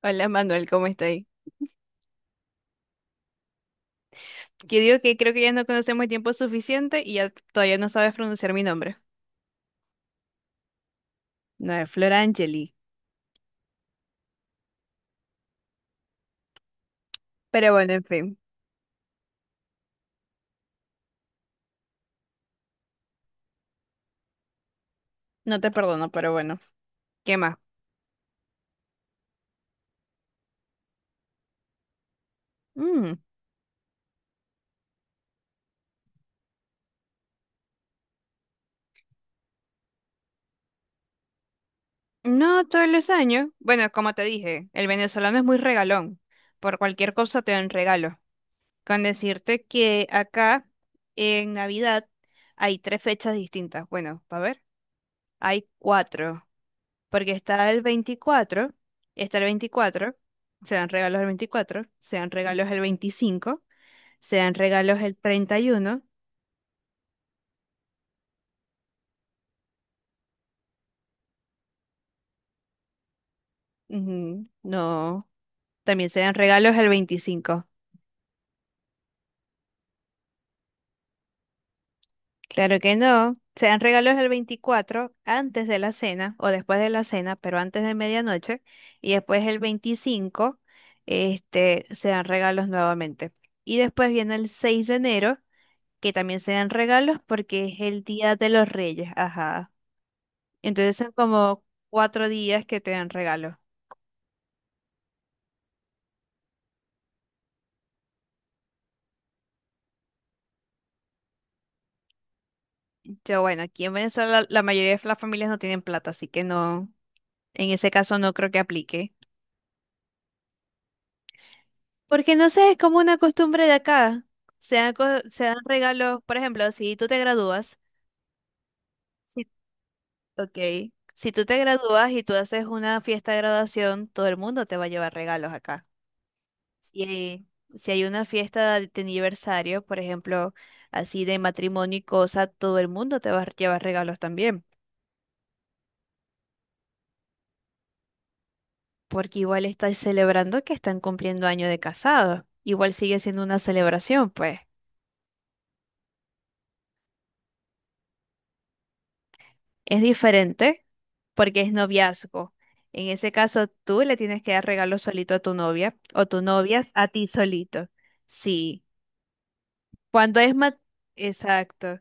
Hola Manuel, ¿cómo estáis? Que digo que creo que ya no conocemos el tiempo suficiente y ya todavía no sabes pronunciar mi nombre. No es Flora Angeli. Pero bueno, en fin, no te perdono, pero bueno. ¿Qué más? Mm, no todos los años. Bueno, como te dije, el venezolano es muy regalón. Por cualquier cosa te dan regalo. Con decirte que acá en Navidad hay tres fechas distintas. Bueno, a ver, hay cuatro. Porque está el veinticuatro, se dan regalos el 24, se dan regalos el 25, se dan regalos el 31. Ujú. No, también se dan regalos el veinticinco. Claro que no, se dan regalos el 24 antes de la cena o después de la cena, pero antes de medianoche. Y después el 25, se dan regalos nuevamente. Y después viene el 6 de enero, que también se dan regalos porque es el Día de los Reyes. Ajá. Entonces son como cuatro días que te dan regalo. Yo, bueno, aquí en Venezuela la mayoría de las familias no tienen plata, así que no, en ese caso no creo que aplique. Porque no sé, es como una costumbre de acá. Se dan, se dan regalos, por ejemplo, si tú te gradúas, si, ok, si tú te gradúas y tú haces una fiesta de graduación, todo el mundo te va a llevar regalos acá. Si hay, si hay una fiesta de aniversario, por ejemplo, así de matrimonio y cosa, todo el mundo te va a llevar regalos también. Porque igual están celebrando que están cumpliendo año de casados. Igual sigue siendo una celebración, pues. Es diferente porque es noviazgo. En ese caso, tú le tienes que dar regalo solito a tu novia o tu novia a ti solito. Sí. Cuando es ma... Exacto.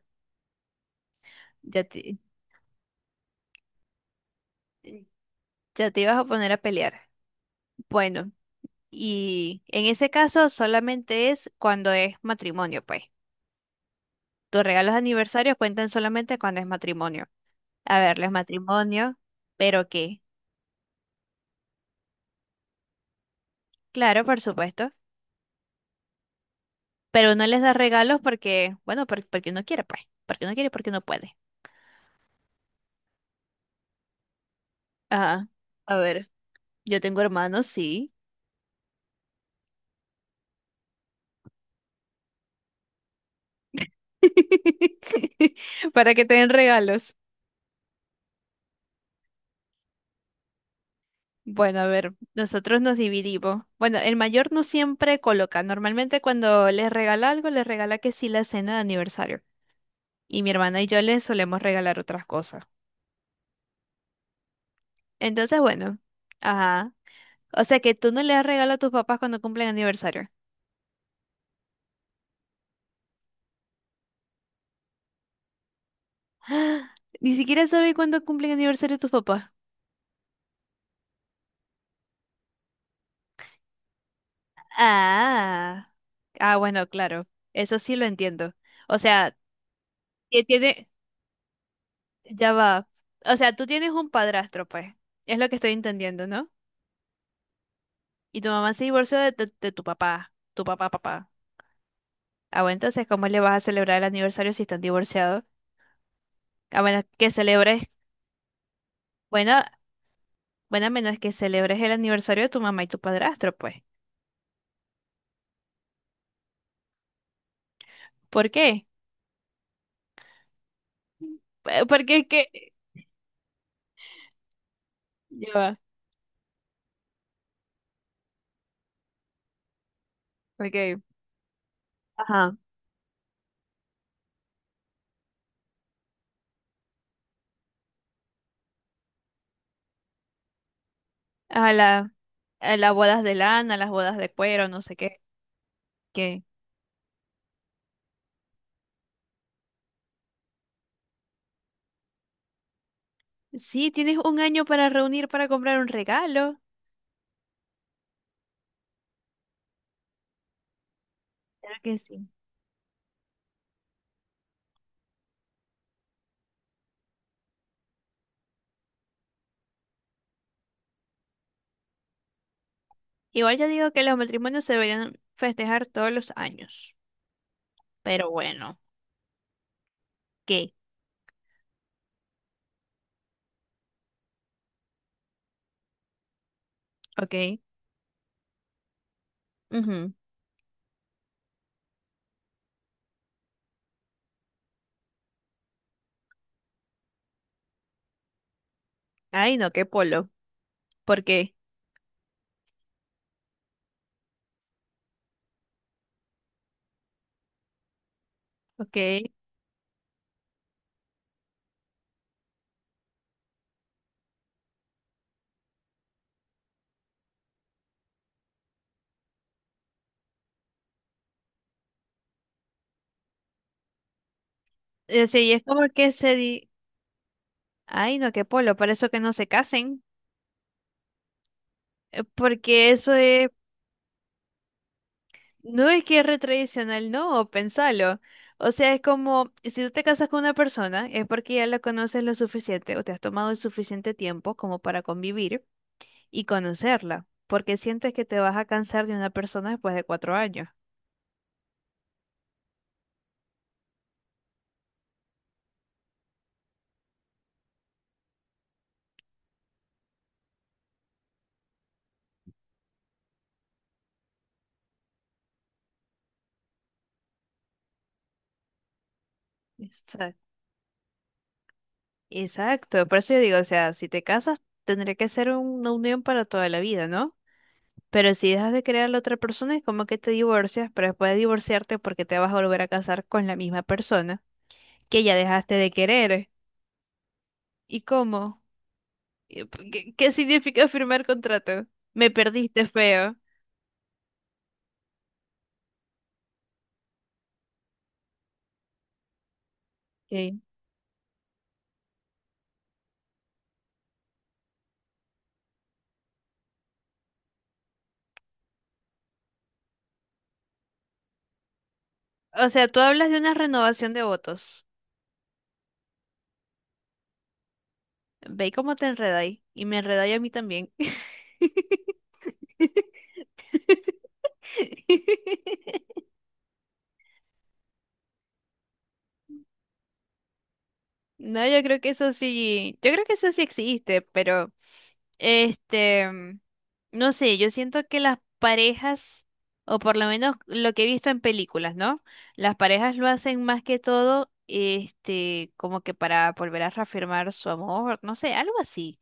Ya te, ya te ibas a poner a pelear. Bueno, y en ese caso solamente es cuando es matrimonio, pues. Tus regalos de aniversario cuentan solamente cuando es matrimonio. A verles matrimonio, pero qué. Claro, por supuesto. Pero no les da regalos porque, bueno, porque no quiere, pues. Porque no quiere, porque no puede. Ajá. A ver, yo tengo hermanos, sí. Para que te den regalos. Bueno, a ver, nosotros nos dividimos. Bueno, el mayor no siempre coloca. Normalmente cuando les regala algo, les regala que sí la cena de aniversario. Y mi hermana y yo les solemos regalar otras cosas. Entonces, bueno, ajá. O sea que tú no le das regalo a tus papás cuando cumplen aniversario. Ni siquiera sabes cuándo cumplen aniversario tus papás. Ah, ah, bueno, claro, eso sí lo entiendo. O sea, que tiene, ya va. O sea, tú tienes un padrastro, pues. Es lo que estoy entendiendo, ¿no? Y tu mamá se divorció de tu papá, papá. Ah, bueno, entonces, ¿cómo le vas a celebrar el aniversario si están divorciados? A menos que celebres, bueno, bueno, a menos que celebres el aniversario de tu mamá y tu padrastro, pues. ¿Por qué? Porque es que ya va. Ok. Ajá. A la, a las bodas de lana, las bodas de cuero, no sé qué. ¿Qué? Sí, tienes un año para reunir para comprar un regalo. Claro que sí. Igual yo digo que los matrimonios se deberían festejar todos los años. Pero bueno, ¿qué? Ok. Ujú. Ay, no, qué polo. ¿Por qué? Ok. Sí, y es como que se di... Ay, no, qué polo. Por eso que no se casen. Porque eso es. No es que es re tradicional, no, pensalo. O sea, es como si tú te casas con una persona, es porque ya la conoces lo suficiente o te has tomado el suficiente tiempo como para convivir y conocerla, porque sientes que te vas a cansar de una persona después de cuatro años. Exacto. Exacto, por eso yo digo, o sea, si te casas, tendría que ser una unión para toda la vida, ¿no? Pero si dejas de querer a la otra persona, es como que te divorcias, pero después de divorciarte, porque te vas a volver a casar con la misma persona que ya dejaste de querer. ¿Y cómo? ¿Qué, qué significa firmar contrato? Me perdiste feo. Ok. O sea, tú hablas de una renovación de votos. Ve cómo te enredáis. Y me enredáis a mí también. No, yo creo que eso sí, yo creo que eso sí existe, pero... Este, no sé, yo siento que las parejas, o por lo menos lo que he visto en películas, ¿no? Las parejas lo hacen más que todo, como que para volver a reafirmar su amor, no sé, algo así.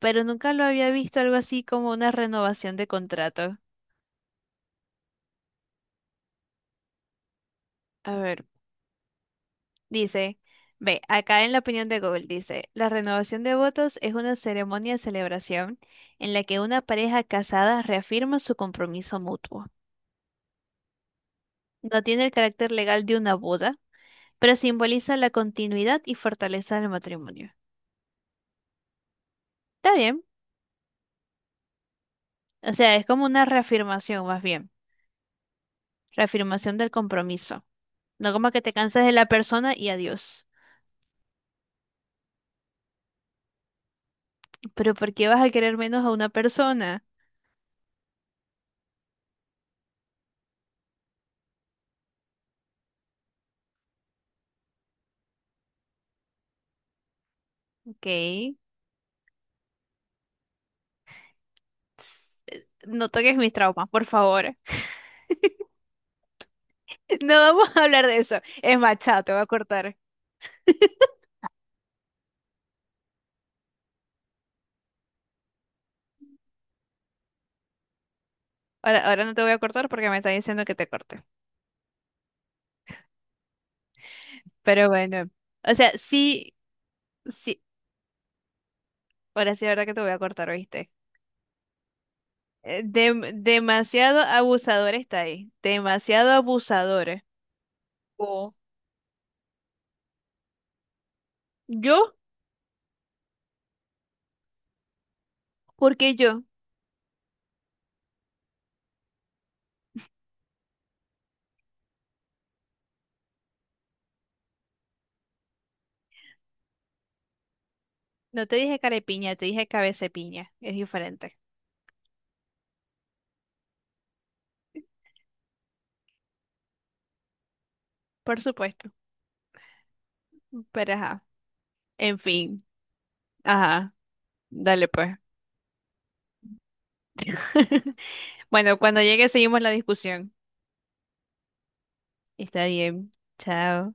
Pero nunca lo había visto algo así como una renovación de contrato. A ver, dice, ve, acá en la opinión de Google dice, la renovación de votos es una ceremonia de celebración en la que una pareja casada reafirma su compromiso mutuo. No tiene el carácter legal de una boda, pero simboliza la continuidad y fortaleza del matrimonio. Está bien. O sea, es como una reafirmación, más bien. Reafirmación del compromiso. No como que te cansas de la persona y adiós. Pero ¿por qué vas a querer menos a una persona? Ok. No toques mis traumas, por favor. No vamos a hablar de eso. Es más, chao, te voy a cortar. Ahora, ahora no te voy a cortar porque me está diciendo que te corte. Pero bueno. O sea, sí, sí. Ahora sí, la verdad que te voy a cortar, ¿oíste? Demasiado abusador está ahí. Demasiado abusador. Oh, ¿yo? ¿Por qué yo? No te dije carepiña, te dije cabecepiña. Es diferente. Por supuesto. Pero ajá. En fin. Ajá. Dale pues. Bueno, cuando llegue seguimos la discusión. Está bien. Chao.